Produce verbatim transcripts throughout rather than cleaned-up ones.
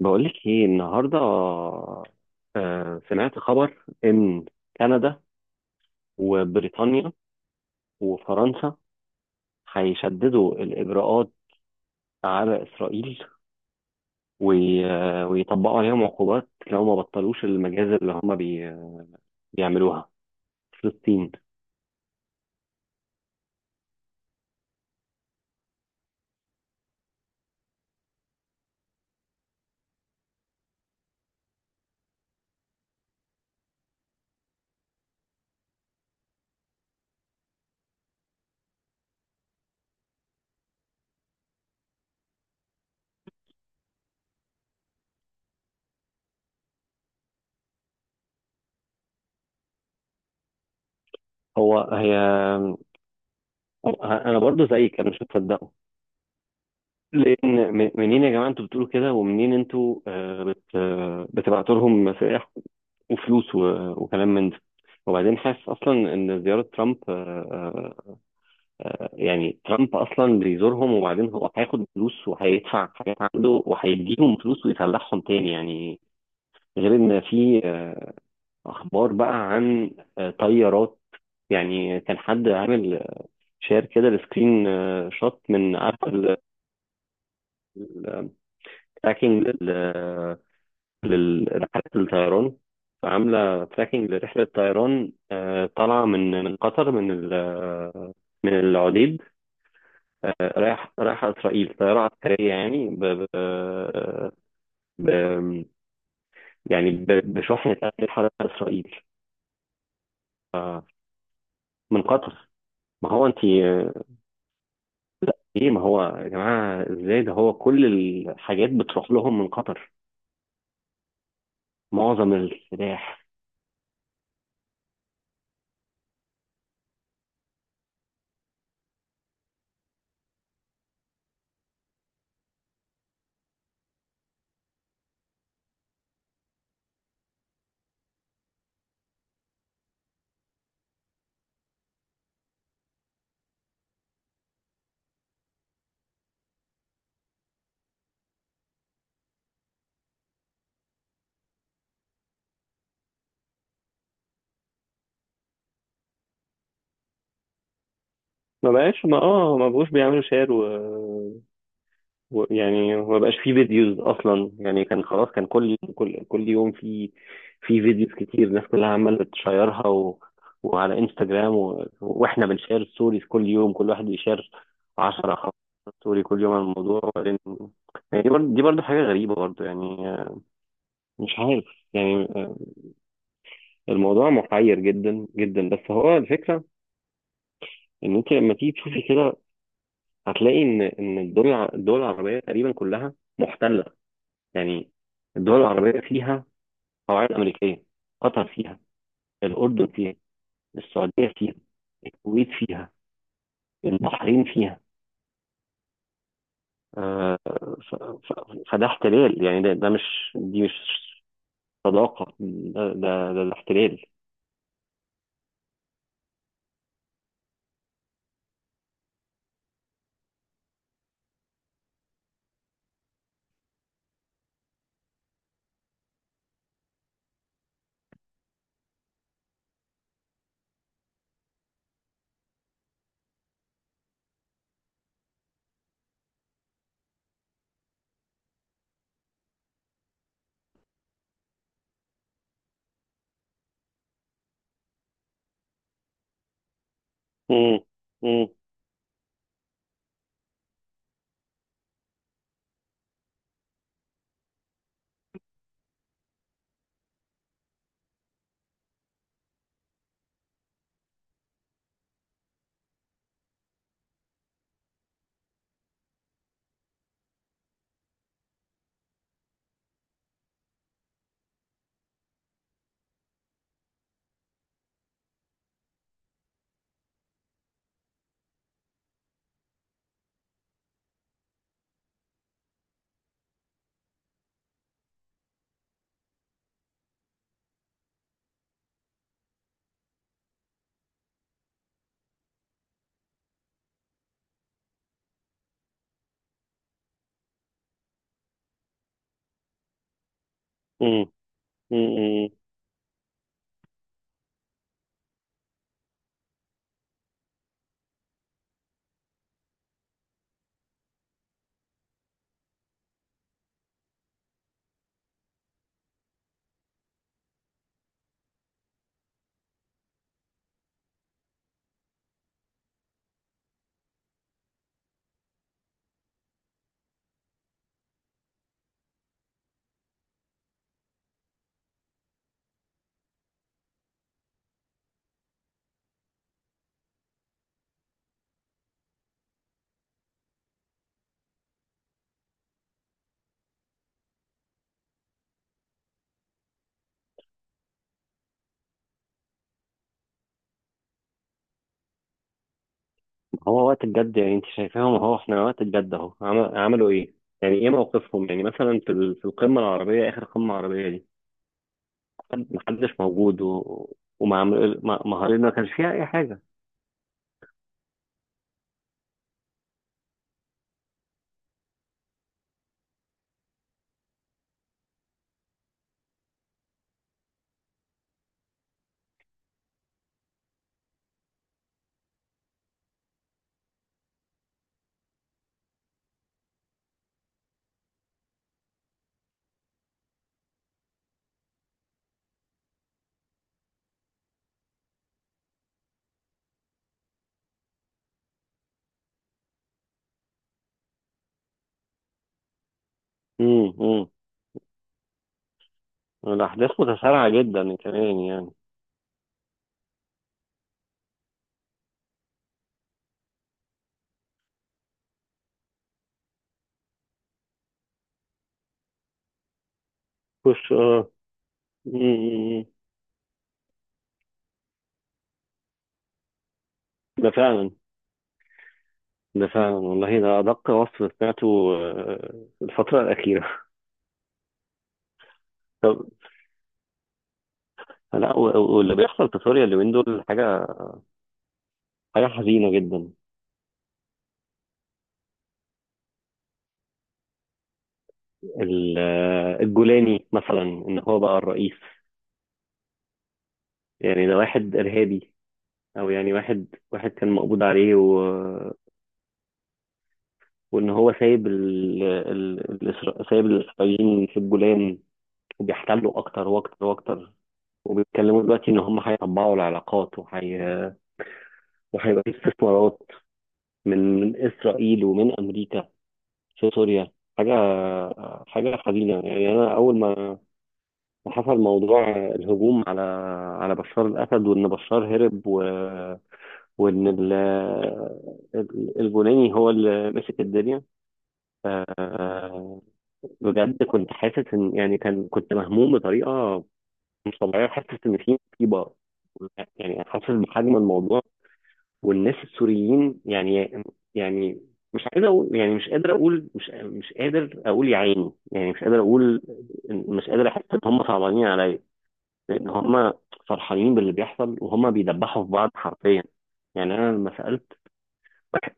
بقولك ايه النهارده؟ آه سمعت خبر ان كندا وبريطانيا وفرنسا هيشددوا الاجراءات على اسرائيل، وي- آه، ويطبقوا عليهم عقوبات لو ما بطلوش المجازر اللي هم بي بيعملوها في فلسطين. هو هي آه، انا برضو زيك، انا مش مصدقه. لان م- منين يا جماعه انتوا بتقولوا كده، ومنين انتوا آه، بت آه، بتبعتوا لهم مسارح وفلوس و- وكلام من ده. وبعدين حاسس اصلا ان زياره ترامب آه، آه، آه، يعني ترامب اصلا بيزورهم، وبعدين هو هياخد فلوس وهيدفع حاجات عنده وهيديهم فلوس ويسلحهم تاني يعني. غير ان في آه، اخبار بقى عن آه، طيارات. يعني كان حد عامل شير كده لسكرين آه، شوت، من عارف، التراكنج لرحلة الطيران، فعاملة تراكنج لرحلة طيران آه، طالعة من من قطر، من ال- آه، من العديد، آه، رايح رايحة إسرائيل. طيارة عسكرية يعني ب ب آه، ب- يعني ب- بشحنة أسلحة رايحة إسرائيل. ف- من قطر. ما هو أنت. آه، لا إيه، ما هو يا جماعة، إزاي ده، هو كل الحاجات بتروح لهم من قطر، معظم السلاح. ما بقاش ما اه ما بقوش بيعملوا شير، و... و- يعني ما بقاش فيه فيديوز اصلا، يعني كان خلاص، كان كل كل كل يوم في في فيديوز كتير، الناس كلها عماله تشيرها و وعلى انستجرام، و... واحنا بنشير ستوريز كل يوم، كل واحد بيشير عشر خمستاشر ستوري كل يوم عن الموضوع، وبعدين يعني دي برضه، دي برضه حاجه غريبه برضه يعني، آه، مش عارف. يعني آه، الموضوع محير جدا جدا، بس هو الفكره ان انت لما تيجي تشوفي كده هتلاقي ان ان الدول الع- الدول العربيه تقريبا كلها محتله، يعني الدول العربية فيها قواعد أمريكية، قطر فيها، الأردن فيها، السعودية فيها، الكويت فيها، البحرين فيها، آه، ف- ف- فده احتلال، يعني ده, ده مش دي مش صداقة، ده ده, ده, ده احتلال. مم، مم، مم، مم. هو وقت الجد يعني، انت شايفاهم اهو، احنا وقت الجد اهو عم- عملوا ايه؟ يعني ايه موقفهم؟ يعني مثلا، في ال- في القمة العربية، اخر قمة عربية دي، محد- محدش موجود، و... وما عمل... ما ما هربنا، ما كانش فيها اي حاجة. مم. الأحداث متسارعة جدا كمان يعني. مش آه، م- م- م. ده فعلا، ده فعلا والله ده أدق وصف سمعته آه، الفترة الأخيرة. طب، لا، و- و- واللي بيحصل في سوريا اليومين دول حاجة، حاجة حزينة جدا. ال- آه، الجولاني مثلا، إن هو بقى الرئيس. يعني ده واحد إرهابي، أو يعني واحد واحد كان مقبوض عليه، و... وإن هو سايب ال... ال... الإسرا... سايب الإسرائيليين في الجولان، وبيحتلوا أكتر وأكتر وأكتر، وبيتكلموا دلوقتي ان هم هيطبعوا العلاقات، وهي... وهيبقى في استثمارات من من اسرائيل ومن امريكا في سوريا. حاجه، حاجه حزينه يعني. انا اول ما ما حصل موضوع الهجوم على على بشار الاسد، وان بشار هرب، و... وان ال... ال- الجولاني هو اللي مسك الدنيا. آه، بجد كنت حاسس ان، يعني كان كنت مهموم بطريقه مش طبيعيه، حاسس ان في مصيبه، يعني حاسس بحجم الموضوع، والناس السوريين يعني. يعني مش عايز اقول، يعني مش قادر اقول، مش مش قادر اقول يا عيني، يعني مش قادر اقول. مش قادر احس ان هم صعبانين عليا، لان هم فرحانين باللي بيحصل، وهم بيدبحوا في بعض حرفيا. يعني انا لما سالت واحد.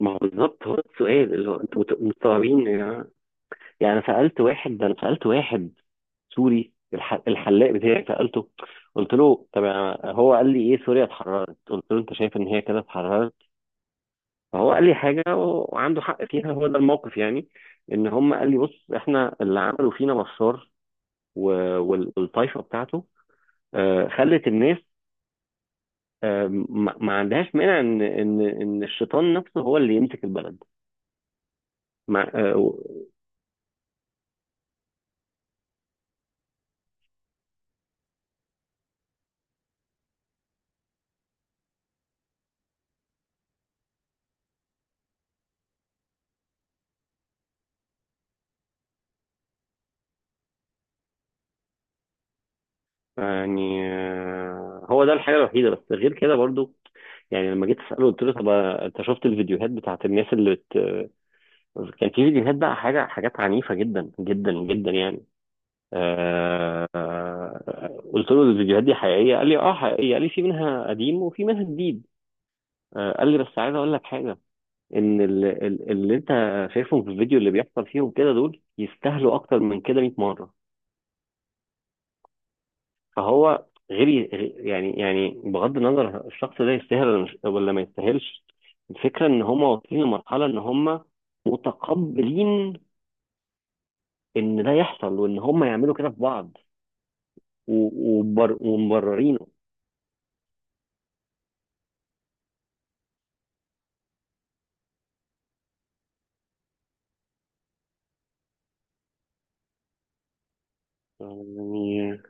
ما هو بالظبط، هو ده السؤال، اللي هو انتوا مت- مستوعبين يا جماعه؟ يعني أنا سالت واحد، ده انا سالت واحد سوري، الح- الحلاق بتاعي سالته. قلت له: طب، أنا- هو قال لي: ايه، سوريا اتحررت. قلت له: انت شايف ان هي كده اتحررت؟ فهو قال لي حاجة وعنده حق فيها، هو ده الموقف. يعني ان هم قال لي: بص، احنا اللي عملوا فينا بشار و- وال- والطايفة بتاعته آه، خلت الناس آه، ما ما عندهاش مانع ان ان ان الشيطان نفسه هو اللي يمسك البلد. مع آه، و- يعني آه، هو ده الحاجة الوحيدة، بس غير كده برضو. يعني لما جيت اساله، قلت له: طب آه، انت شفت الفيديوهات بتاعت الناس اللي بت... كان في فيديوهات بقى، حاجه حاجات عنيفه جدا جدا جدا يعني. آه، قلت له: الفيديوهات دي حقيقية؟ قال لي: اه، حقيقية. قال لي: في منها قديم وفي منها جديد. آه، قال لي: بس عايز اقول لك حاجة، ان ال- ال- اللي انت شايفهم في الفيديو، اللي بيحصل فيهم كده، دول يستاهلوا اكتر من كده مية مرة. فهو غير غير- يعني يعني بغض النظر، الشخص ده يستاهل ولا مش- ولا ما يستاهلش. الفكرة ان هم واصلين لمرحلة ان هم متقبلين ان ده يحصل، وان هم يعملوا كده في بعض و- وبر- ومبررينه. يعني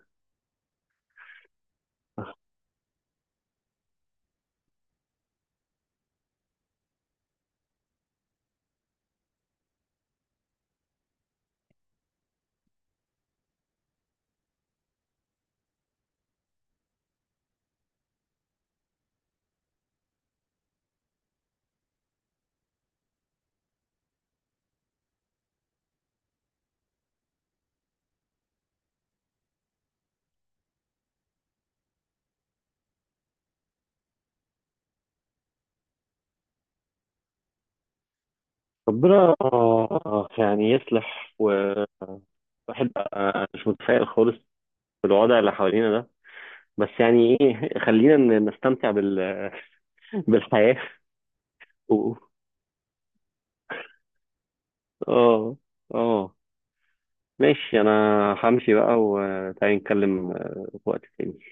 ربنا آه، يعني يصلح. وواحد بقى مش متفائل خالص بالوضع اللي حوالينا ده، بس يعني ايه، خلينا ن- نستمتع بال... بالحياة و- اه، اه، ماشي. انا همشي بقى، وتعالي نتكلم آه، في وقت تاني.